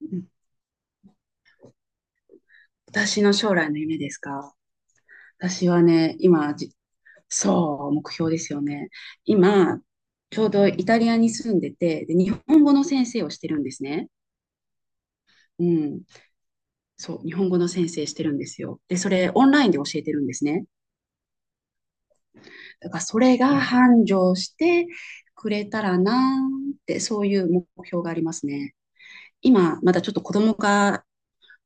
うん。私の将来の夢ですか？私はね、今、そう、目標ですよね。今、ちょうどイタリアに住んでて、で、日本語の先生をしてるんですね。うん。そう、日本語の先生してるんですよ。で、それ、オンラインで教えてるんですね。だから、それが繁盛してくれたらなーって、そういう目標がありますね。今、まだちょっと子供が、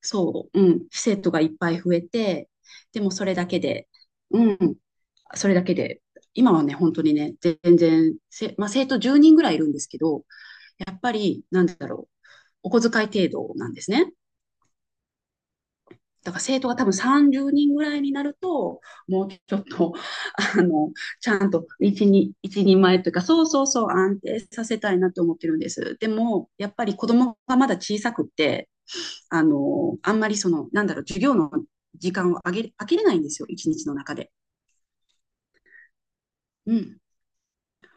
そう、うん、生徒がいっぱい増えて、でもそれだけで、うん、それだけで、今はね、本当にね、全然、まあ、生徒10人ぐらいいるんですけど、なんだろう、お小遣い程度なんですね。だから生徒が多分30人ぐらいになると、もうちょっと、あの、ちゃんと一人前というか、そうそうそう、安定させたいなと思ってるんです。でも、やっぱり子供がまだ小さくって、あんまりその、授業の時間をあげれないんですよ、一日の中で。うん。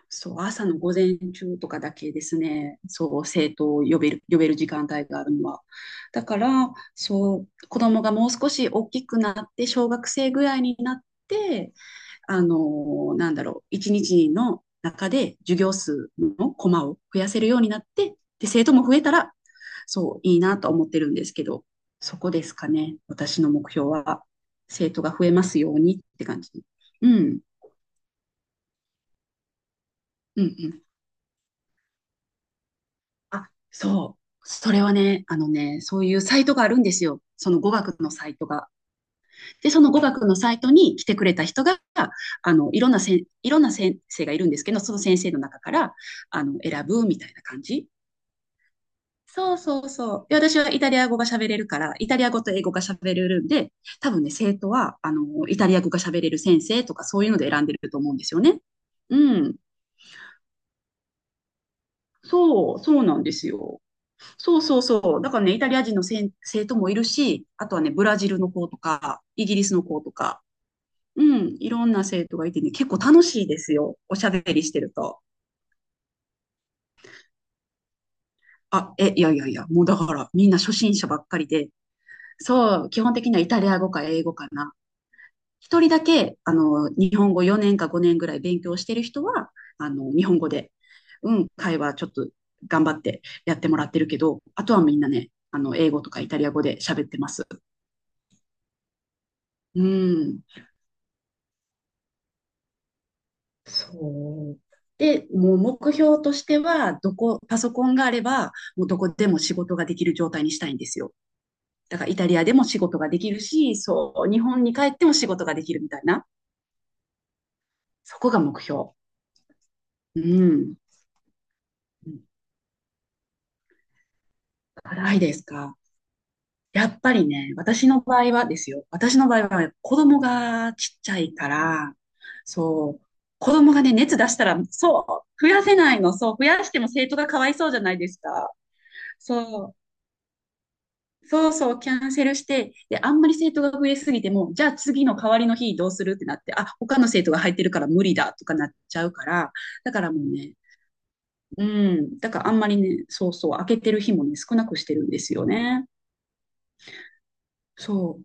そう、朝の午前中とかだけですね、そう、生徒を呼べる時間帯があるのは。だから、そう、子供がもう少し大きくなって、小学生ぐらいになって、一日の中で授業数のコマを増やせるようになって、で、生徒も増えたら、そう、いいなと思ってるんですけど、そこですかね、私の目標は。生徒が増えますようにって感じ。うん、うん、うん。あ、そう。それはね、そういうサイトがあるんですよ。その語学のサイトが。で、その語学のサイトに来てくれた人が、いろんな先生がいるんですけど、その先生の中から、選ぶみたいな感じ。そうそうそう。で、私はイタリア語が喋れるから、イタリア語と英語が喋れるんで、多分ね、生徒は、イタリア語が喋れる先生とか、そういうので選んでると思うんですよね。うん。そう、そうなんですよ。そうそうそう。だからね、イタリア人の生徒もいるし、あとはね、ブラジルの子とか、イギリスの子とか、うん、いろんな生徒がいてね、結構楽しいですよ。おしゃべりしてると。あ、え、いやいやいや、もうだからみんな初心者ばっかりで、そう、基本的にはイタリア語か英語かな。一人だけ、日本語4年か5年ぐらい勉強してる人は、日本語で、うん、会話ちょっと頑張ってやってもらってるけど、あとはみんなね、英語とかイタリア語で喋ってます。うん。そう。で、もう目標としては、パソコンがあれば、もうどこでも仕事ができる状態にしたいんですよ。だからイタリアでも仕事ができるし、そう、日本に帰っても仕事ができるみたいな。そこが目標。うん。辛いですか？やっぱりね、私の場合はですよ。私の場合は子供がちっちゃいから、そう、子供がね、熱出したら、そう、増やせないの。そう、増やしても生徒がかわいそうじゃないですか。そうそうそう、キャンセルして、で、あんまり生徒が増えすぎても、じゃあ次の代わりの日どうするってなって、あ、他の生徒が入ってるから無理だとかなっちゃうから、だからもうね、うん、だからあんまりね、そうそう、開けてる日もね、少なくしてるんですよね。そ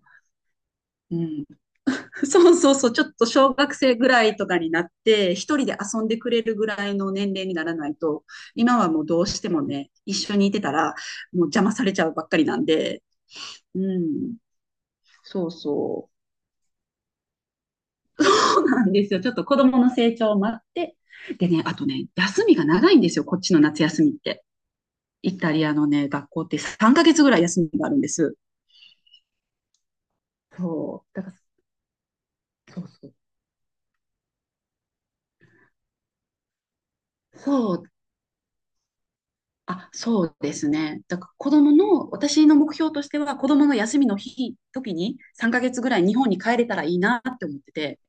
う。うん、そうそうそう、ちょっと小学生ぐらいとかになって、一人で遊んでくれるぐらいの年齢にならないと、今はもうどうしてもね、一緒にいてたら、もう邪魔されちゃうばっかりなんで。うん、そうそう。なんですよ。ちょっと子供の成長を待って。でね、あとね、休みが長いんですよ。こっちの夏休みって。イタリアのね、学校って3ヶ月ぐらい休みがあるんです。そう。だから、そうそう。そう。あ、そうですね。だから子供の、私の目標としては、子供の休みの時に3ヶ月ぐらい日本に帰れたらいいなって思ってて、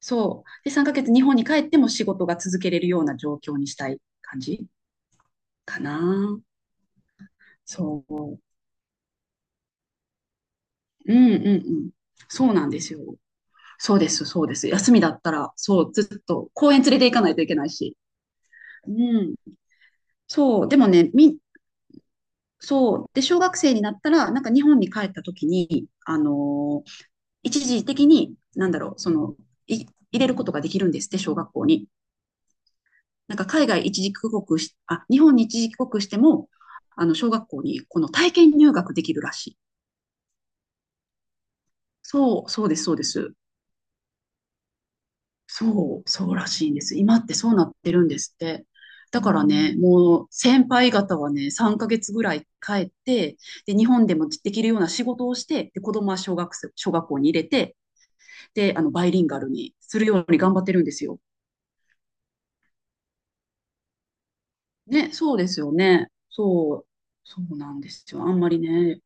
そう。で、3ヶ月日本に帰っても仕事が続けれるような状況にしたい感じかな。そう。うんうんうん。そうなんですよ。そうです、そうです。休みだったら、そう、ずっと公園連れて行かないといけないし。うん。そう、でもね、そう。で、小学生になったら、なんか日本に帰った時に、一時的に、その、い、入れることができるんですって、小学校に。なんか海外一時帰国し、あ、日本に一時帰国しても、小学校にこの体験入学できるらしい。そう、そうです、そうです。そう、そうらしいんです。今ってそうなってるんですって。だからね、もう先輩方はね、3ヶ月ぐらい帰って、で、日本でもできるような仕事をして、で、子供は小学校に入れて、で、バイリンガルにするように頑張ってるんですよ。ね、そうですよね。そう、そうなんですよ。あんまりね、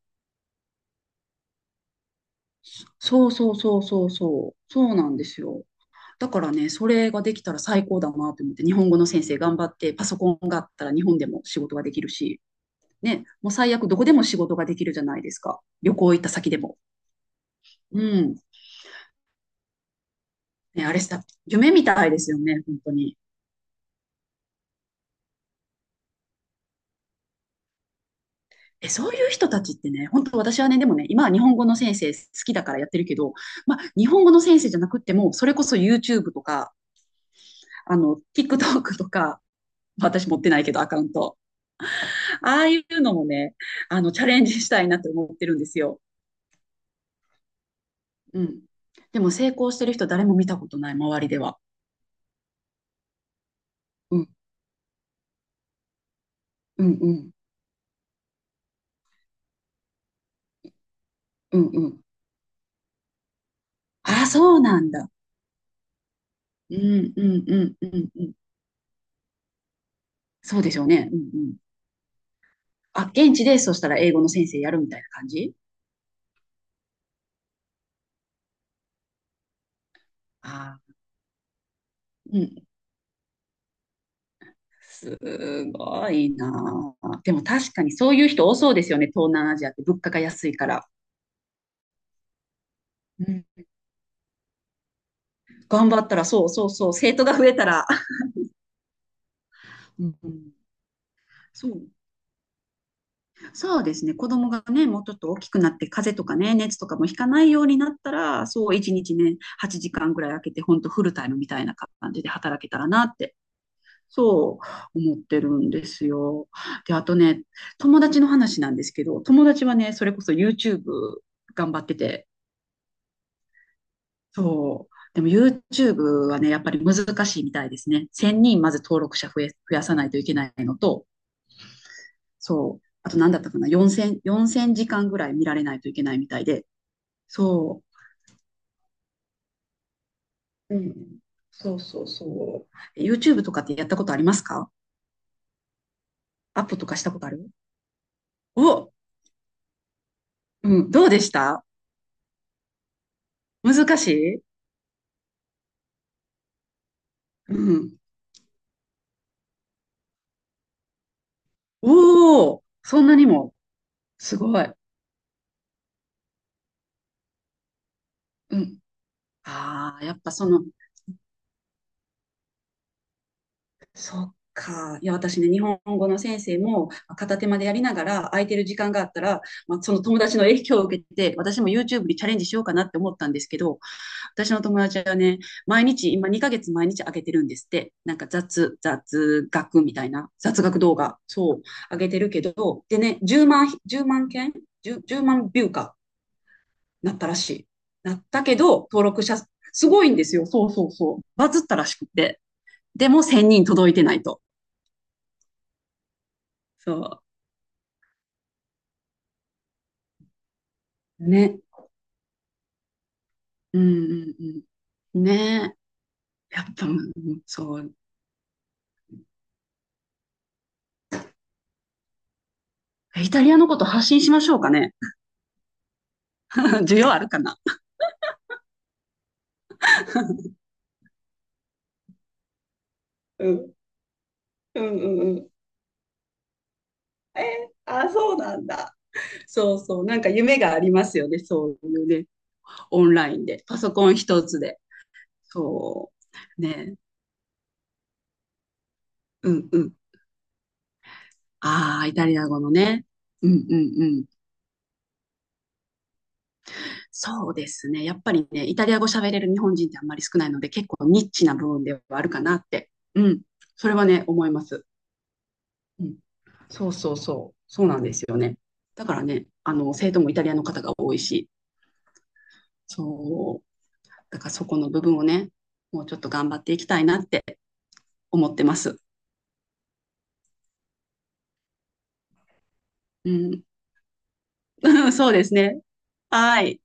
そうそうそうそうそう、そうなんですよ。だからね、それができたら最高だなと思って、日本語の先生頑張って、パソコンがあったら日本でも仕事ができるし、ね、もう最悪どこでも仕事ができるじゃないですか。旅行行った先でも。うん。ね、あれさ、夢みたいですよね、本当に。え、そういう人たちってね。本当私はね、でもね、今は日本語の先生好きだからやってるけど、まあ、日本語の先生じゃなくっても、それこそ YouTube とか、TikTok とか。私持ってないけど、アカウント。ああいうのもね、チャレンジしたいなって思ってるんですよ。うん。でも成功してる人誰も見たことない、周りでは。うん、うん、うん、うん、うん。ああ、そうなんだ。うんうんうんうんうん。そうでしょうね。うんうん。あ、現地でそしたら英語の先生やるみたいな感じ。あうん。すごいなあ。でも確かにそういう人多そうですよね。東南アジアって物価が安いから。うん。頑張ったら、そうそうそう、生徒が増えたら。うんうん。そう、そうですね。子供がね、もうちょっと大きくなって、風邪とかね、熱とかもひかないようになったら、そう、一日ね、8時間ぐらい空けて、ほんとフルタイムみたいな感じで働けたらなってそう思ってるんですよ。で、あとね、友達の話なんですけど、友達はね、それこそ YouTube 頑張ってて、そう。でも YouTube はね、やっぱり難しいみたいですね。1000人まず登録者増やさないといけないのと、そう。あと何だったかな、4000、4000時間ぐらい見られないといけないみたいで、そう。うん。そうそうそう。え、 YouTube とかってやったことありますか？アップとかしたことある？お、うん、どうでした？難しい？うん。おお、そんなにも。すごい。うん。ああ、やっぱその、そっか。いや、私ね、日本語の先生も片手間でやりながら、空いてる時間があったら、まあ、その友達の影響を受けて、私も YouTube にチャレンジしようかなって思ったんですけど、私の友達はね、毎日、今2ヶ月毎日上げてるんですって。なんか雑学みたいな、雑学動画、そう、上げてるけど、でね、10万、10万件 10, 10万ビューか。なったらしい。なったけど、登録者、すごいんですよ。そうそうそう。バズったらしくて。でも1000人届いてないと。そう。ね。うんうんうん。ねえ。やっぱ、うん。そう。イタリアのこと発信しましょうかね。需要あるかな。うん、うんうんうん。え、あ、そうなんだ。そうそう。なんか夢がありますよね。そういうね。オンラインで。パソコン一つで。そう。ね。うんうん。ああ、イタリア語のね。うんうんうん。そうですね。やっぱりね、イタリア語喋れる日本人ってあんまり少ないので、結構ニッチな部分ではあるかなって。うん。それはね、思います。うん。そうそうそう。そうなんですよね。だからね、生徒もイタリアの方が多いし、そう。だからそこの部分をね、もうちょっと頑張っていきたいなって思ってます。うん。そうですね。はい。